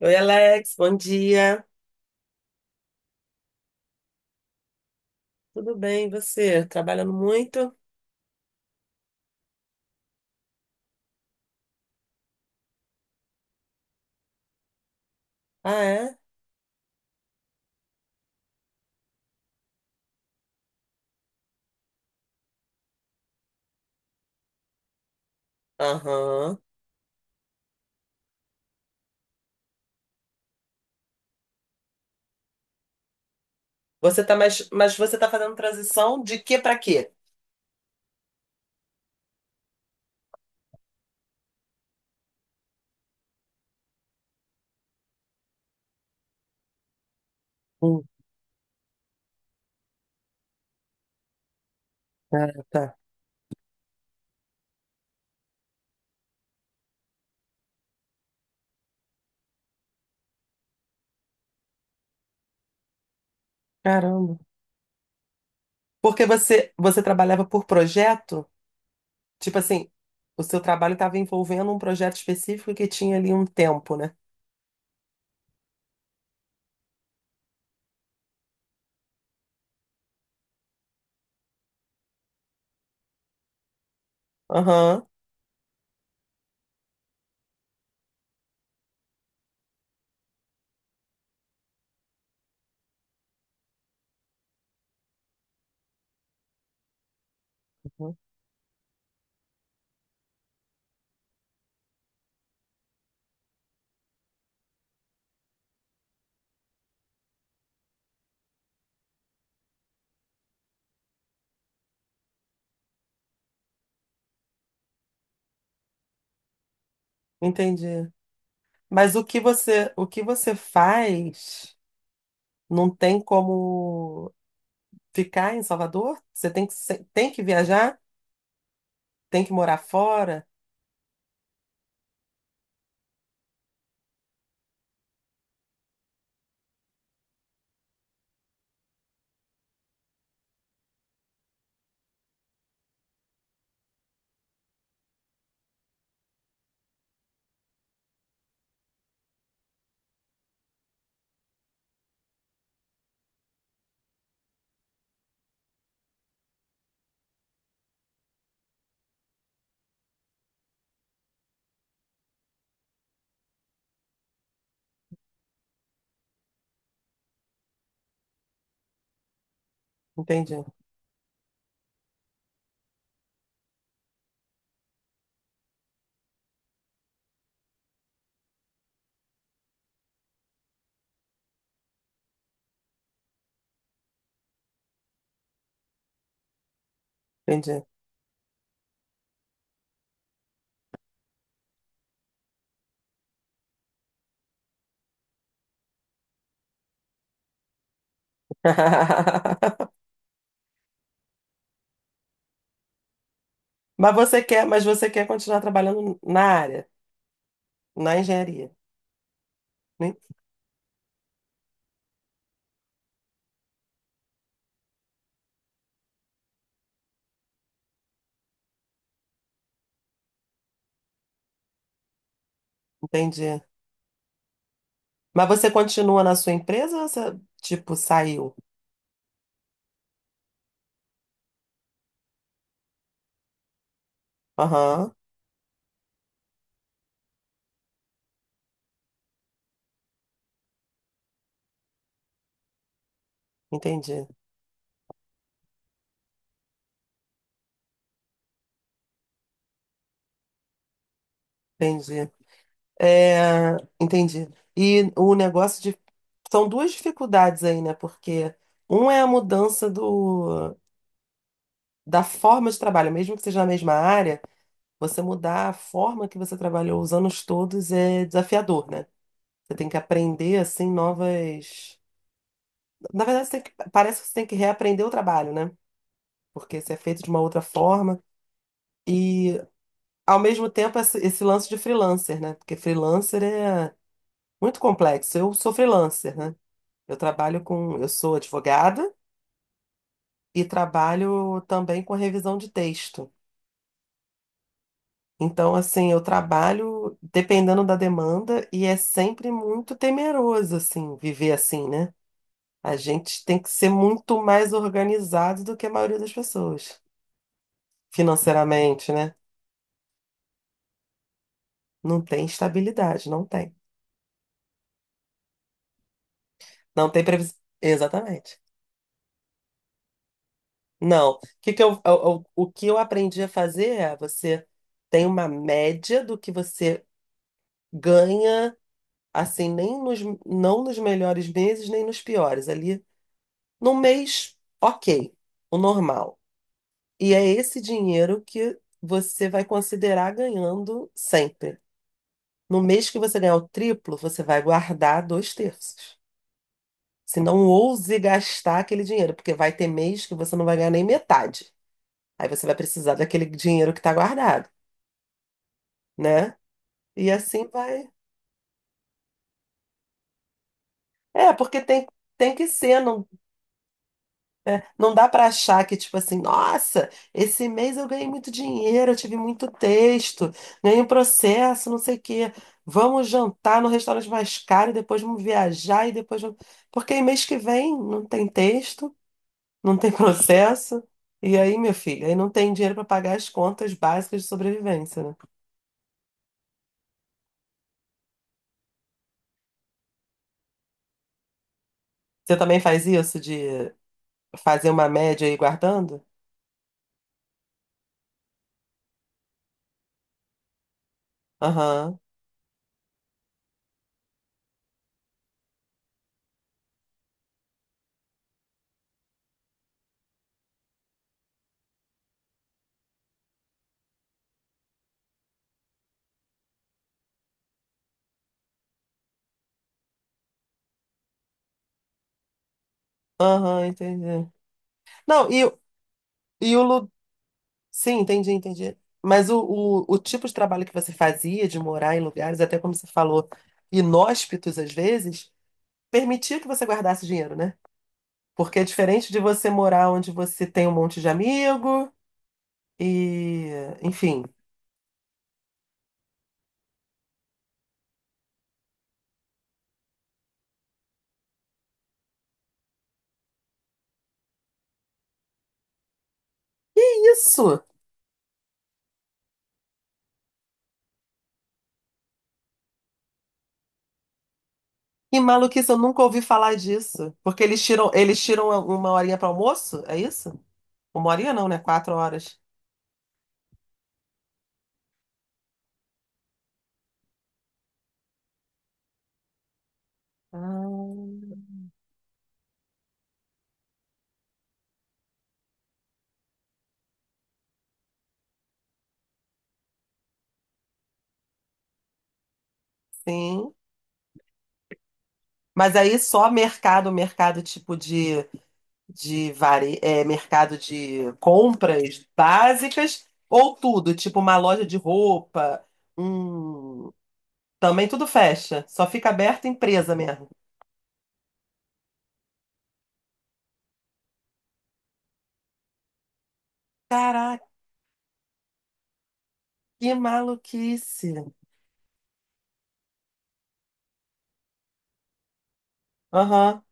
Oi, Alex, bom dia. Tudo bem, e você? Trabalhando muito? Ah, é? Aham. Mas você tá fazendo transição de quê para quê? Hum, ah, tá. Caramba. Porque você trabalhava por projeto? Tipo assim, o seu trabalho estava envolvendo um projeto específico que tinha ali um tempo, né? Aham. Uhum. Entendi. Mas o que você faz não tem como ficar em Salvador? Você tem que se- tem que viajar? Tem que morar fora? Entendi, entendi. Mas você quer continuar trabalhando na área, na engenharia, né? Entendi. Mas você continua na sua empresa ou você, tipo, saiu? Aham, entendi, entendi. É, entendi. E o negócio de... São duas dificuldades aí, né? Porque um é a mudança do, da forma de trabalho, mesmo que seja na mesma área, você mudar a forma que você trabalhou os anos todos é desafiador, né? Você tem que aprender, assim, novas. Na verdade, você tem que... parece que você tem que reaprender o trabalho, né? Porque você é feito de uma outra forma. E, ao mesmo tempo, esse lance de freelancer, né? Porque freelancer é muito complexo. Eu sou freelancer, né? Eu trabalho com. Eu sou advogada e trabalho também com revisão de texto. Então, assim, eu trabalho dependendo da demanda e é sempre muito temeroso, assim, viver assim, né? A gente tem que ser muito mais organizado do que a maioria das pessoas, financeiramente, né? Não tem estabilidade, não tem. Não tem previsão. Exatamente. Não. O que eu aprendi a fazer é você tem uma média do que você ganha, assim, nem nos, não nos melhores meses, nem nos piores. Ali, no mês, ok, o normal. E é esse dinheiro que você vai considerar ganhando sempre. No mês que você ganhar o triplo, você vai guardar dois terços. Se não ouse gastar aquele dinheiro, porque vai ter mês que você não vai ganhar nem metade. Aí você vai precisar daquele dinheiro que está guardado, né? E assim vai. É, porque tem, tem que ser. Não, é, não dá para achar que, tipo assim, nossa, esse mês eu ganhei muito dinheiro, eu tive muito texto, ganhei um processo, não sei o quê. Vamos jantar no restaurante mais caro, e depois vamos viajar e depois vamos... Porque aí mês que vem não tem texto. Não tem processo. E aí, meu filho, aí não tem dinheiro para pagar as contas básicas de sobrevivência, né? Você também faz isso de fazer uma média e ir guardando? Aham, aham, entendi. Não, e o. lu- Sim, entendi, entendi. Mas o tipo de trabalho que você fazia, de morar em lugares, até como você falou, inóspitos às vezes, permitia que você guardasse dinheiro, né? Porque é diferente de você morar onde você tem um monte de amigo e, enfim. Isso! Que maluquice, eu nunca ouvi falar disso. Porque eles tiram uma horinha para almoço? É isso? Uma horinha não, né? Quatro horas. Ah, sim. Mas aí só mercado, mercado é, mercado de compras básicas ou tudo, tipo uma loja de roupa, um... também tudo fecha. Só fica aberta empresa mesmo. Caraca, que maluquice. Aham.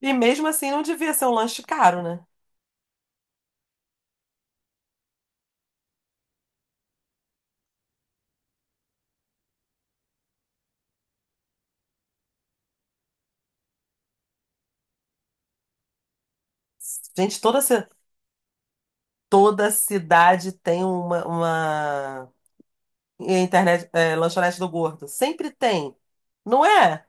E mesmo assim não devia ser um lanche caro, né? Gente, toda cidade tem uma internet, é, lanchonete do gordo. Sempre tem. Não é?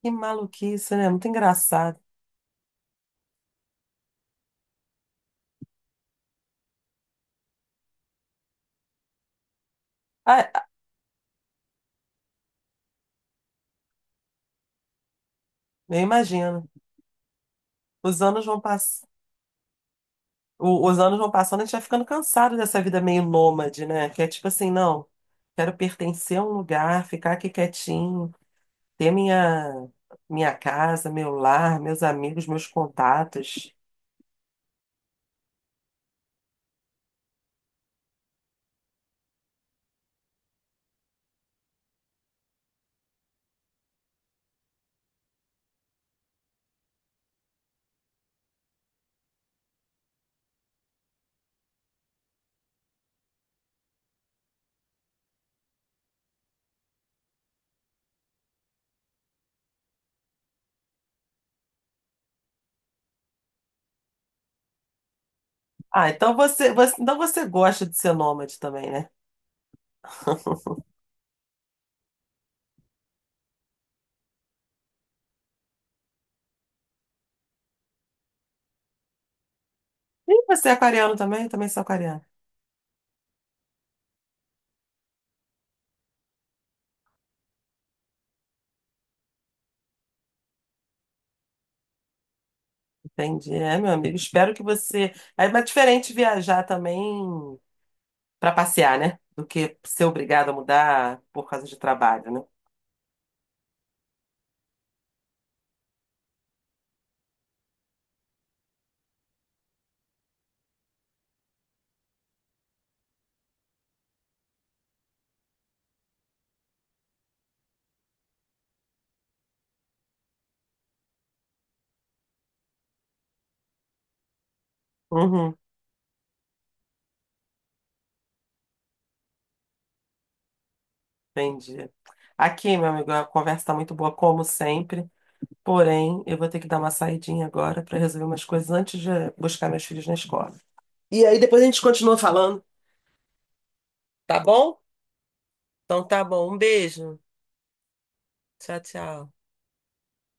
Que maluquice, né? Muito engraçado. Ah, eu imagino. Os anos vão pass... Os anos vão passando, a gente vai ficando cansado dessa vida meio nômade, né? Que é tipo assim, não, quero pertencer a um lugar, ficar aqui quietinho, ter minha, minha casa, meu lar, meus amigos, meus contatos. Ah, então então você gosta de ser nômade também, né? Ih, você é aquariano também? Eu também sou aquariano. Entendi, é, meu amigo. Espero que você. É mais diferente viajar também para passear, né? Do que ser obrigado a mudar por causa de trabalho, né? Uhum, entendi. Aqui, meu amigo, a conversa tá muito boa, como sempre. Porém, eu vou ter que dar uma saidinha agora para resolver umas coisas antes de buscar meus filhos na escola. E aí depois a gente continua falando, tá bom? Então tá bom. Um beijo. Tchau, tchau.